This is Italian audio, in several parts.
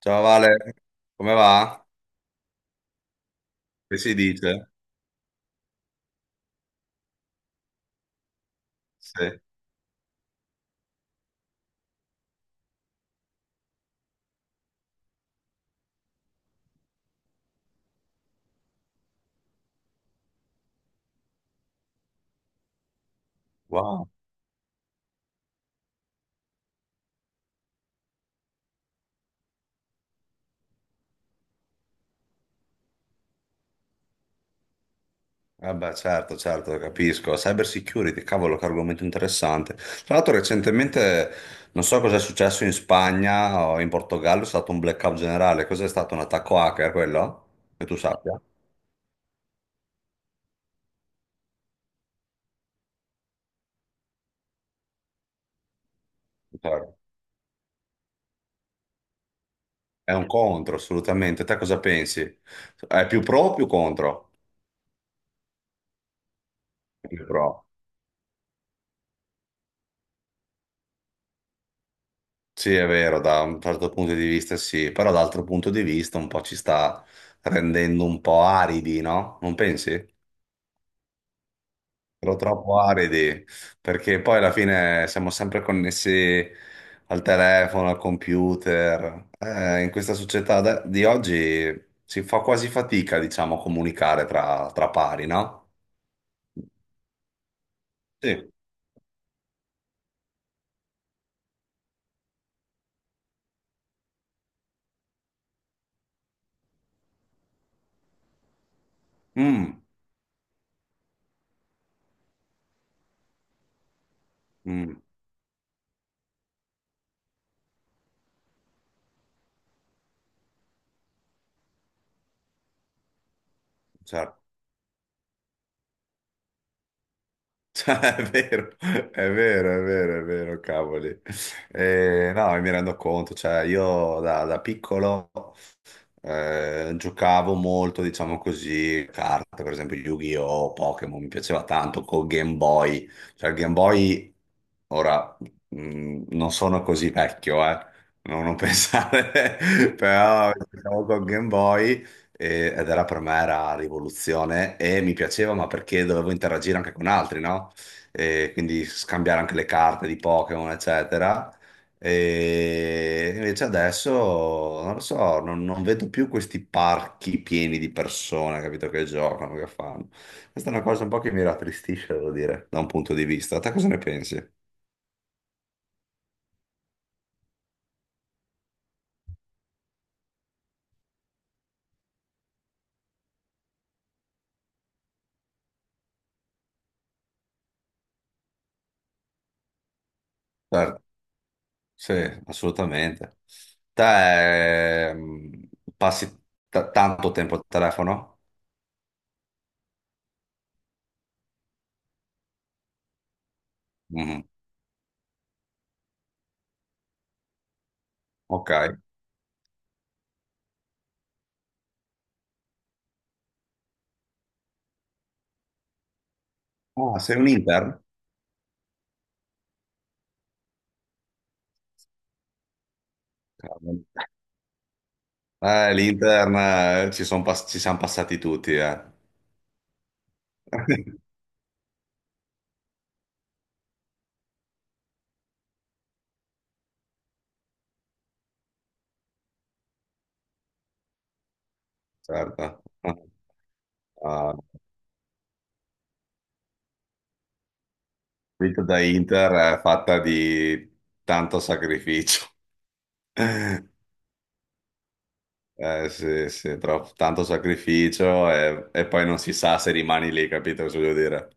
Ciao Vale, come va? Che si dice? Sì. Wow. Vabbè, certo, certo, capisco. Cyber security, cavolo, che argomento interessante. Tra l'altro, recentemente, non so cosa è successo in Spagna o in Portogallo, è stato un blackout generale. Cos'è stato un attacco hacker quello? Che tu sappia? Certo. È un contro, assolutamente. Te cosa pensi? È più pro o più contro? Più pro. Sì, è vero, da un certo punto di vista sì, però dall'altro punto di vista un po' ci sta rendendo un po' aridi, no? Non pensi? Però troppo aridi, perché poi alla fine siamo sempre connessi al telefono, al computer. In questa società di oggi si fa quasi fatica, diciamo, a comunicare tra pari, no? Sì. Mm, mm, certo. Cioè, è vero, è vero, è vero, è vero, cavoli. No, mi rendo conto, cioè io da piccolo giocavo molto, diciamo così, carte, per esempio Yu-Gi-Oh, Pokémon, mi piaceva tanto col Game Boy. Cioè il Game Boy, ora, non sono così vecchio, non pensare, però giocavo col Game Boy ed era per me era rivoluzione e mi piaceva, ma perché dovevo interagire anche con altri, no? E quindi scambiare anche le carte di Pokémon, eccetera. E invece adesso non lo so, non vedo più questi parchi pieni di persone, capito, che giocano, che fanno. Questa è una cosa un po' che mi rattristisce, devo dire, da un punto di vista. Te cosa ne pensi? Certo, sì, assolutamente. Te passi tanto tempo al telefono? Mhm. Ok. Ah, sei un intern? Cavolo. L'intern ci siamo passati tutti, eh. Certo. Ah, la vita da Inter è fatta di tanto sacrificio. Sì, sì, tanto sacrificio e poi non si sa se rimani lì, capito cosa voglio dire?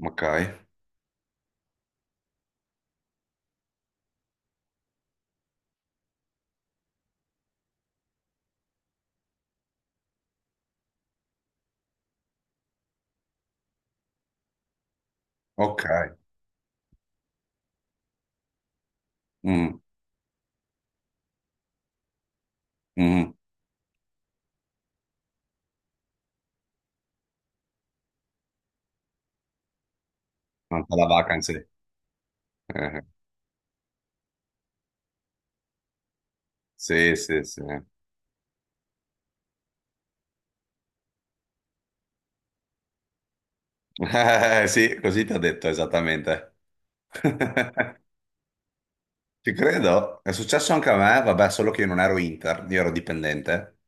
Ok, ok. Mm, mm. Manca la vacanza. Eh. Sì, sì, sì. Sì, così ti ho detto esattamente. Ci credo, è successo anche a me, vabbè, solo che io non ero Inter, io ero dipendente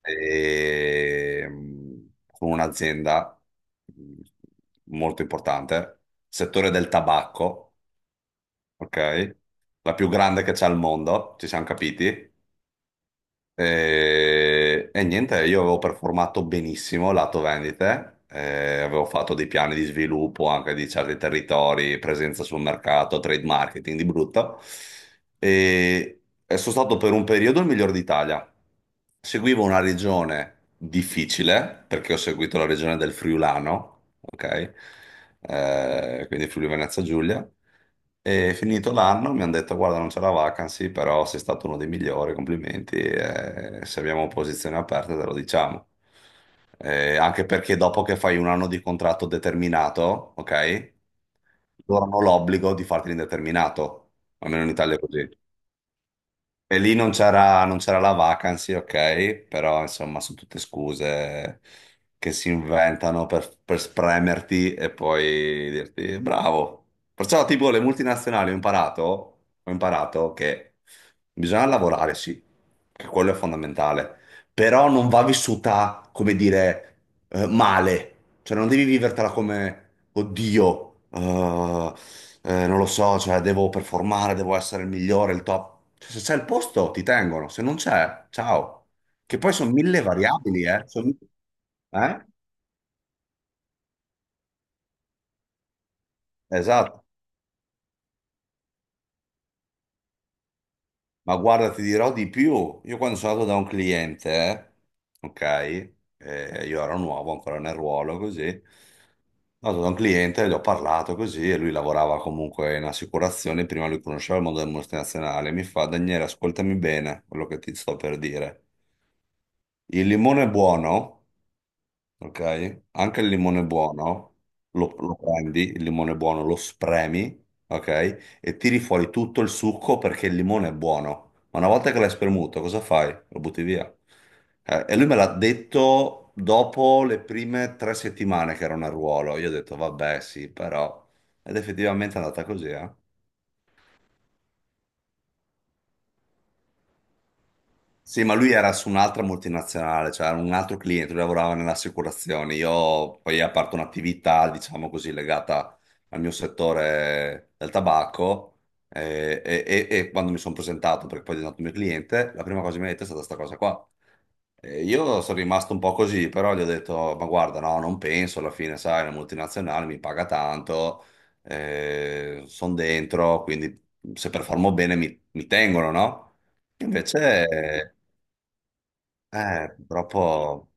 e, mh, con un'azienda mh, molto importante, settore del tabacco, ok? La più grande che c'è al mondo, ci siamo capiti? E niente, io avevo performato benissimo lato vendite, avevo fatto dei piani di sviluppo anche di certi territori, presenza sul mercato, trade marketing di brutto, e sono stato per un periodo il miglior d'Italia. Seguivo una regione difficile, perché ho seguito la regione del Friulano, ok? Quindi Friuli Venezia Giulia. E finito l'anno mi hanno detto: guarda, non c'è la vacancy, però sei stato uno dei migliori, complimenti. Eh, se abbiamo posizioni aperte, te lo diciamo. Anche perché dopo che fai un anno di contratto determinato, ok, loro hanno l'obbligo di farti l'indeterminato. Almeno in Italia è così. E lì non c'era la vacancy, ok, però insomma sono tutte scuse che si inventano per spremerti e poi dirti bravo. Perciò tipo le multinazionali ho imparato che bisogna lavorare, sì, che quello è fondamentale, però non va vissuta, come dire, male. Cioè non devi vivertela come, oddio, non lo so, cioè devo performare, devo essere il migliore, il top. Cioè, se c'è il posto ti tengono, se non c'è, ciao. Che poi sono mille variabili, eh? Eh? Esatto. Ma guarda, ti dirò di più. Io quando sono andato da un cliente, ok, io ero nuovo ancora nel ruolo, così, sono andato da un cliente, gli ho parlato così, e lui lavorava comunque in assicurazione, prima lui conosceva il mondo del multinazionale, mi fa, Daniele, ascoltami bene quello che ti sto per dire. Il limone buono, ok? Anche il limone buono, lo prendi, il limone buono, lo spremi, ok? E tiri fuori tutto il succo perché il limone è buono. Ma una volta che l'hai spremuto, cosa fai? Lo butti via. E lui me l'ha detto dopo le prime tre settimane che era un arruolo. Io ho detto, vabbè, sì, però... Ed effettivamente è andata così, eh? Sì, ma lui era su un'altra multinazionale, cioè era un altro cliente, lui lavorava nelle assicurazioni. Io poi ho aperto un'attività, diciamo così, legata al mio settore del tabacco e quando mi sono presentato, perché poi è diventato mio cliente, la prima cosa che mi ha detto è stata questa cosa qua. E io sono rimasto un po' così, però gli ho detto, ma guarda, no, non penso, alla fine, sai, la multinazionale mi paga tanto, sono dentro, quindi se performo bene mi tengono, no? Invece purtroppo...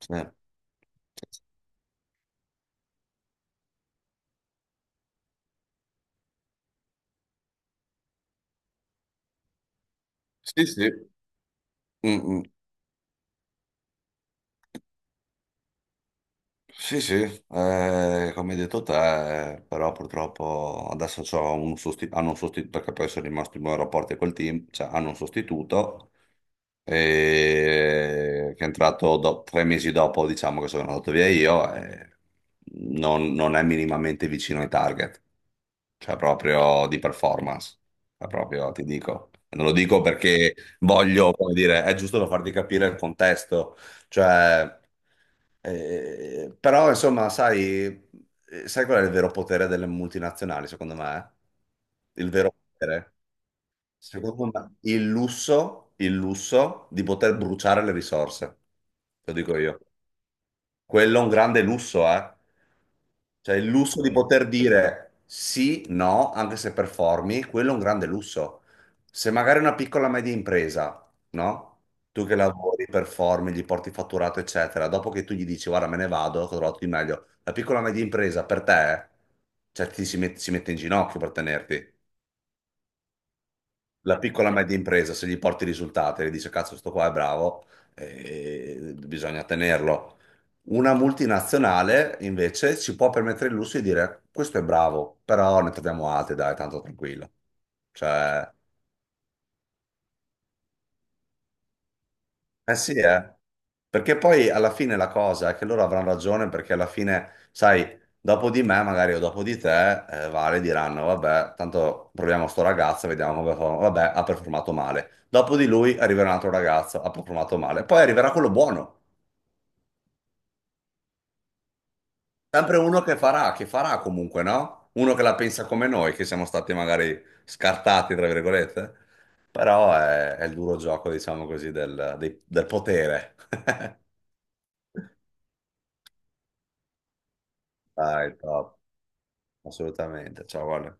Sì, sì. Sì, mm, mm. Sì, sì, come hai detto te, però purtroppo adesso hanno un sostituto, perché poi sono rimasto in buoni rapporti col team, cioè hanno un sostituto che è entrato tre mesi dopo, diciamo, che sono andato via io, e non è minimamente vicino ai target. Cioè proprio di performance, cioè, proprio ti dico. Non lo dico perché voglio, come dire, è giusto per farti capire il contesto, cioè, però insomma, sai, sai qual è il vero potere delle multinazionali, secondo me? Il vero potere? Secondo me, il lusso di poter bruciare le risorse, lo dico io. Quello è un grande lusso, eh? Cioè il lusso di poter dire sì, no, anche se performi, quello è un grande lusso. Se magari una piccola media impresa, no? Tu che lavori, performi, gli porti fatturato, eccetera, dopo che tu gli dici guarda me ne vado, ho trovato di meglio, la piccola media impresa per te, cioè si mette in ginocchio per tenerti la piccola e media impresa, se gli porti i risultati, le dice cazzo, sto qua è bravo, bisogna tenerlo. Una multinazionale invece si può permettere il lusso di dire questo è bravo, però ne troviamo altri, dai, tanto tranquillo. Cioè, eh sì, eh. Perché poi alla fine la cosa è che loro avranno ragione perché alla fine, sai, dopo di me magari o dopo di te, Vale diranno, vabbè, tanto proviamo sto ragazzo, vediamo come fa. Vabbè, ha performato male. Dopo di lui arriverà un altro ragazzo, ha performato male. Poi arriverà quello buono. Sempre uno che farà comunque, no? Uno che la pensa come noi, che siamo stati magari scartati, tra virgolette. Però è il duro gioco, diciamo così, del potere. Dai, top. Assolutamente. Ciao, Ale.